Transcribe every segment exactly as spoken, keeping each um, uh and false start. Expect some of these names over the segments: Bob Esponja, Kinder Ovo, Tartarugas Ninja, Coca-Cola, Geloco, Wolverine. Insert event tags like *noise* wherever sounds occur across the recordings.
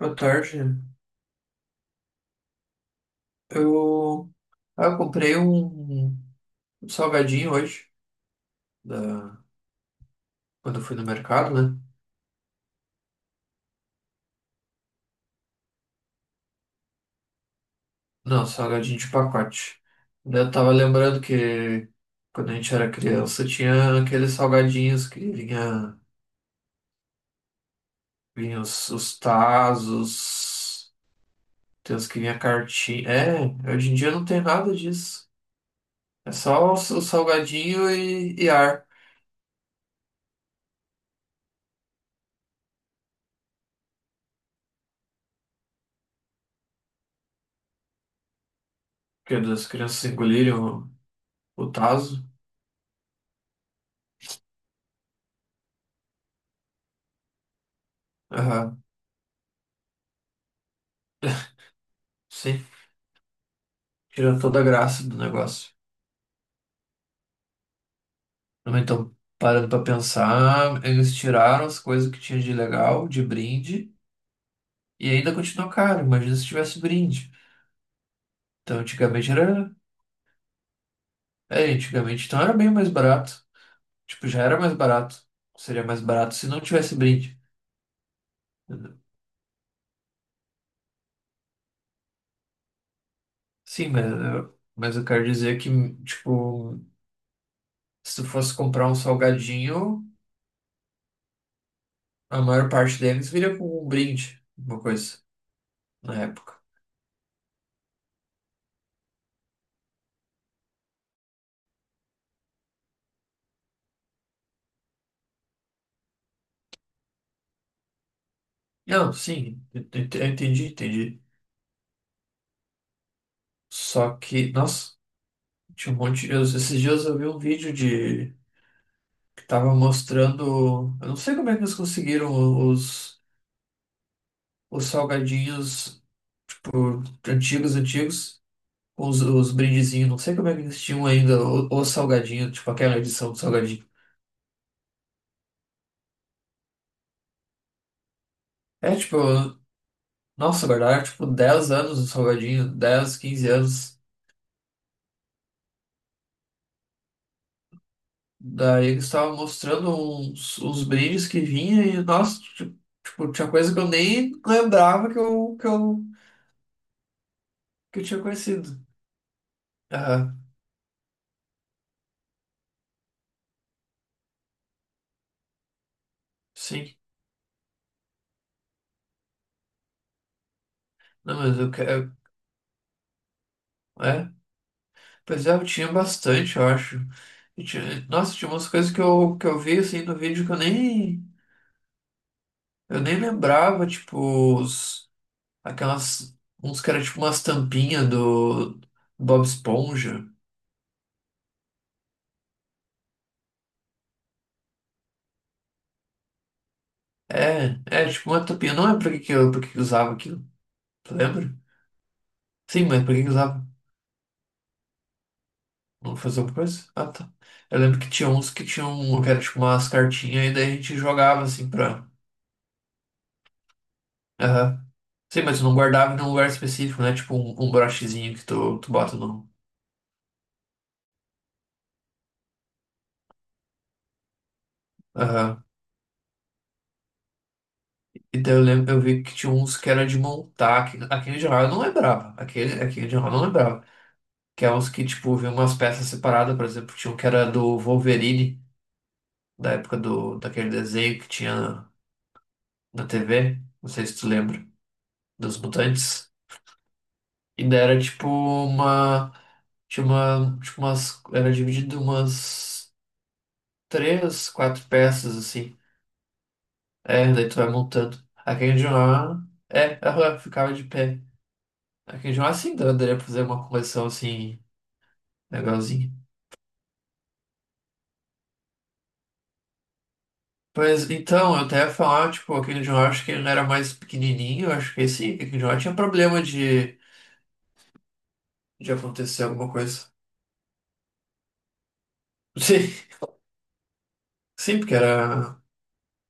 Boa tarde. Eu, ah, eu comprei um, um salgadinho hoje, da, quando eu fui no mercado, né? Não, salgadinho de pacote. Daí Eu tava lembrando que quando a gente era criança tinha aqueles salgadinhos que vinha, vinha os, os Tazos, tem os que vinha cartinha. É, hoje em dia não tem nada disso. É só o, s- o salgadinho e, e ar, porque as crianças engolirem o, o Tazo. Aham, *laughs* sim. Tirou toda a graça do negócio. Mas Então, parando pra pensar, eles tiraram as coisas que tinha de legal, de brinde, e ainda continuou caro. Imagina se tivesse brinde. Então, antigamente era. É, antigamente então era bem mais barato. Tipo, já era mais barato. Seria mais barato se não tivesse brinde. Sim, mas, eu- mas eu quero dizer que, tipo, se tu fosse comprar um salgadinho, a maior parte deles viria com um brinde, uma coisa, na época. Não, sim, eu eu eu entendi, entendi. Só que, nossa, tinha um monte de. Esses dias eu vi um vídeo de. Que tava mostrando. Eu não sei como é que eles conseguiram os, os salgadinhos antigos, antigos, com os, os brindezinhos. Não sei como é que eles tinham ainda o- os salgadinhos, tipo aquela edição do salgadinho. É tipo, nossa, guardaram tipo dez anos o salgadinho, dez quinze anos. Daí eles estavam mostrando uns, uns brindes que vinha e, nossa, ti- tipo, tinha coisa que eu nem lembrava que eu, que eu que eu tinha conhecido. Ah, sim. Não, mas eu quero. É. Pois é, eu tinha bastante, eu acho. E tinha- Nossa, tinha umas coisas que eu, que eu vi assim no vídeo que eu nem. Eu nem lembrava, tipo, os, aquelas. Uns que eram tipo umas tampinhas do Bob Esponja. É, é, tipo uma tampinha. Não é pra que que eu, pra que que eu usava aquilo. Tu lembra? Sim, mas pra que que eu usava? Não fazer alguma coisa? Ah, tá. Eu lembro que tinha uns que tinham. Que era tipo umas cartinhas e daí a gente jogava assim pra. Aham. Sim, mas tu não guardava num lugar específico, né? Tipo um, um brochezinho que tu, tu bota no. Aham. E daí eu lembro, eu vi que tinha uns que era de montar. que- Aquele de Hall eu não lembrava. Aquele, aquele de Hall eu não lembrava. Que é uns que, tipo, vinham umas peças separadas, por exemplo, tinha um que era do Wolverine, da época do, daquele desenho que tinha na T V. Não sei se tu lembra, dos mutantes. E daí era tipo uma. Tinha uma. Tipo umas. Era dividido em umas três, quatro peças, assim. É, daí tu vai montando. A Kenjo-A, é, ela ficava de pé. A Kenjo-A sim, daria pra fazer uma coleção assim, legalzinha. Pois então, eu até ia falar, tipo, a Kenjo-A acho que ele era mais pequenininho, eu acho que esse, a Kenjo-A tinha problema de, de acontecer alguma coisa. *laughs* Sim, sim, porque era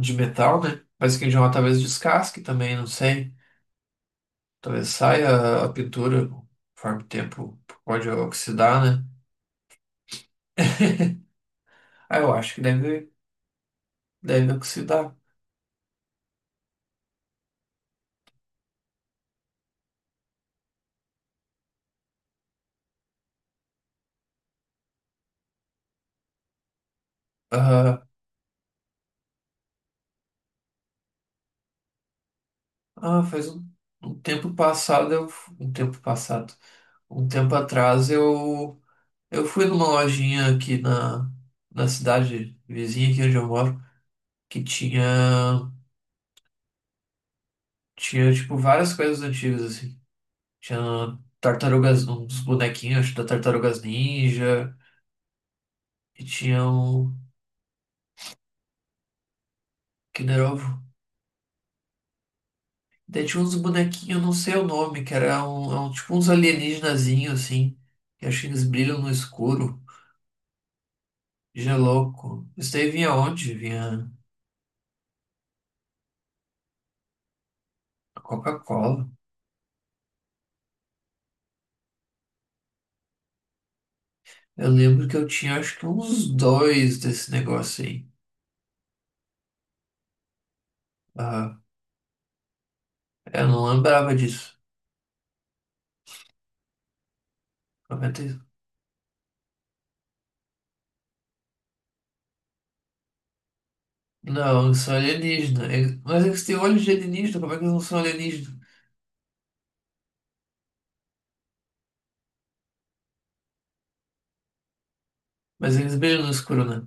de metal, né? Mas a Kenjo-A talvez descasque também, não sei. Talvez saia a pintura, conforme o tempo pode oxidar, né? *laughs* Ah, eu acho que deve. Deve oxidar. Ah, ah, faz um, um tempo passado, eu, um tempo passado, um tempo atrás eu, eu fui numa lojinha aqui na, na cidade vizinha aqui onde eu moro, que tinha, tinha tipo várias coisas antigas assim. Tinha tartarugas, uns bonequinhos acho, da Tartarugas Ninja. E tinha um Kinder Ovo. Daí tinha uns bonequinhos, eu não sei o nome, que era um, é um- tipo uns alienígenazinhos, assim. Que acho que eles brilham no escuro. Geloco. Isso daí vinha onde? Vinha a Coca-Cola. Eu lembro que eu tinha acho que uns dois desse negócio aí. Ah, eu não lembrava disso. noventa e- Não, eles são alienígenas. Mas eles têm olhos de alienígena, como é que eles não são alienígenas? Mas eles brilham no escuro, né?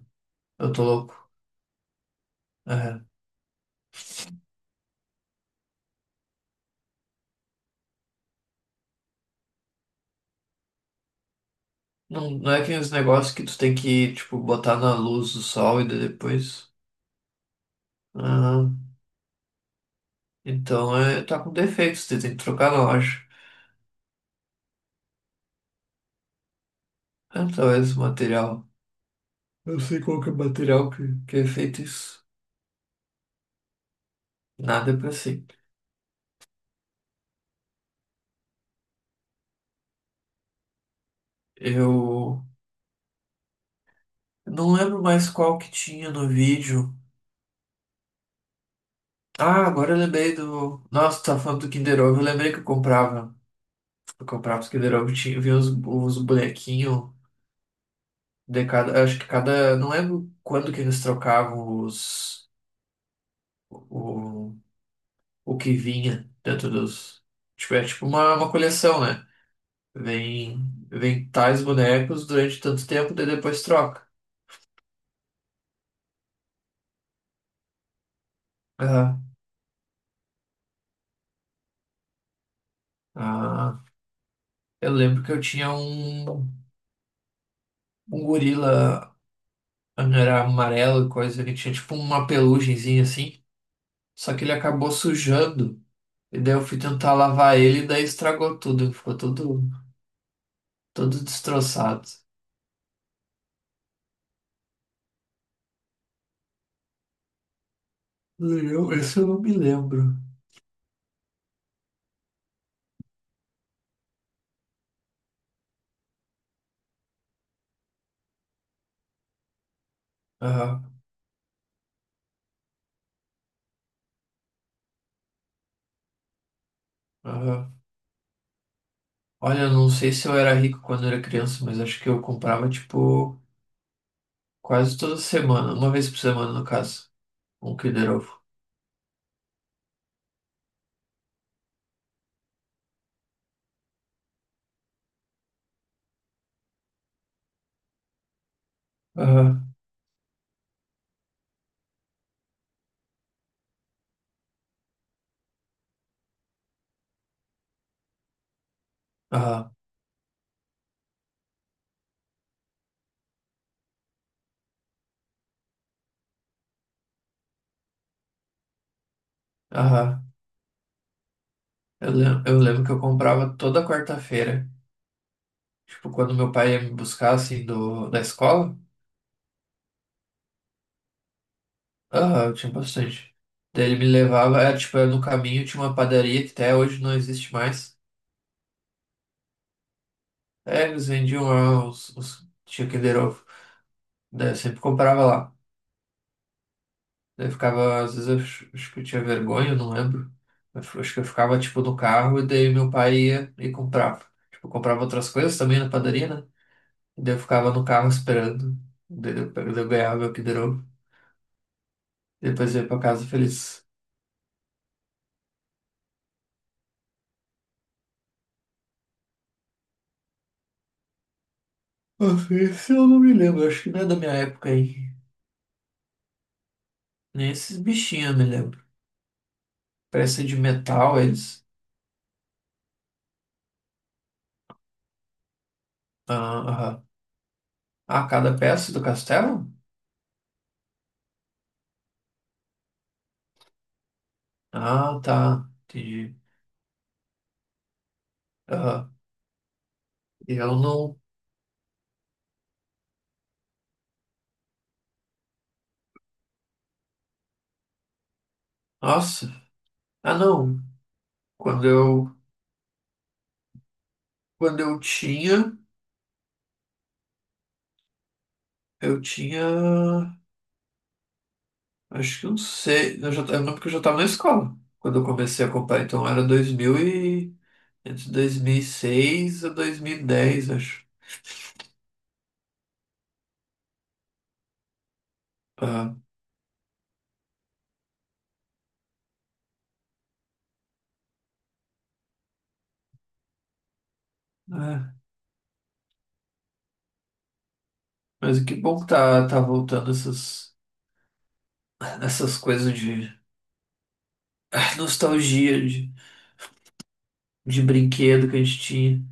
Eu tô louco. É. Não, não é aqueles negócios que tu tem que, tipo, botar na luz do sol e daí depois. Ah, então é, tá com defeito, você tem que trocar na loja. Ah, talvez o material. Eu sei qual que é o material que, que é feito isso. Nada é pra sempre. Eu não lembro mais qual que tinha no vídeo. Ah, agora eu lembrei do. Nossa, tá falando do Kinder Ovo. Eu lembrei que eu comprava. Eu comprava os Kinder Ovo, tinha, vinha uns, uns bonequinhos de cada. Acho que cada. Não lembro quando que eles trocavam os. o, o que vinha dentro dos. Tipo, é tipo uma, uma coleção, né? Vem, vem tais bonecos durante tanto tempo, daí depois troca. Aham. Ah, eu lembro que eu tinha um, um gorila, era amarelo e coisa, ele tinha tipo uma pelugenzinha assim, só que ele acabou sujando. E daí eu fui tentar lavar ele e daí estragou tudo, ficou todo, todo destroçado. Eu, esse eu não me lembro. Aham, aham. Olha, eu não sei se eu era rico quando eu era criança, mas acho que eu comprava, tipo, quase toda semana, uma vez por semana, no caso, um Kinder Ovo. Aham, aham, aham. Eu lembro, eu lembro que eu comprava toda quarta-feira, tipo, quando meu pai ia me buscar, assim, do, da escola. Aham, eu tinha bastante. Daí ele me levava, era, tipo, era no caminho, tinha uma padaria que até hoje não existe mais. É, eles vendiam lá os, os, tinha Kinder Ovo. Daí eu sempre comprava lá. Daí Eu ficava, às vezes eu acho acho que eu tinha vergonha, eu não lembro. Eu f- acho que eu ficava, tipo, no carro e daí meu pai ia e comprava. Tipo, eu comprava outras coisas também na padaria, né? E daí eu ficava no carro esperando. Daí eu, pe- daí eu ganhava meu Kinder Ovo. Depois eu ia pra casa feliz. Nossa, esse eu não me lembro, acho que não é da minha época aí. Nem esses bichinhos eu me lembro. Peça de metal, eles. Ah, aham. Ah, cada peça do castelo? Ah, tá. Entendi. Aham. Eu não. Nossa. Ah, não. Quando eu Quando eu tinha, eu tinha, acho que uns seis, eu já, eu lembro que eu já estava na escola quando eu comecei a comprar, então era dois mil e, entre dois mil e seis a dois mil e dez, acho. Tá. É. Mas que bom que tá, tá voltando essas, essas coisas de ah, nostalgia, de, de brinquedo que a gente tinha.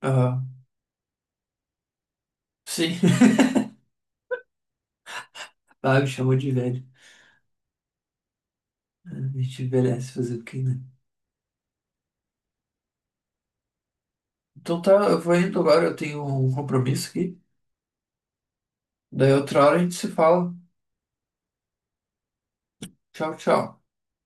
Ah, sim, *laughs* ah, me chamou de velho. A gente envelhece fazer o quê, né? Então tá, eu vou indo agora, eu tenho um compromisso aqui. Daí outra hora a gente se fala. Tchau, tchau.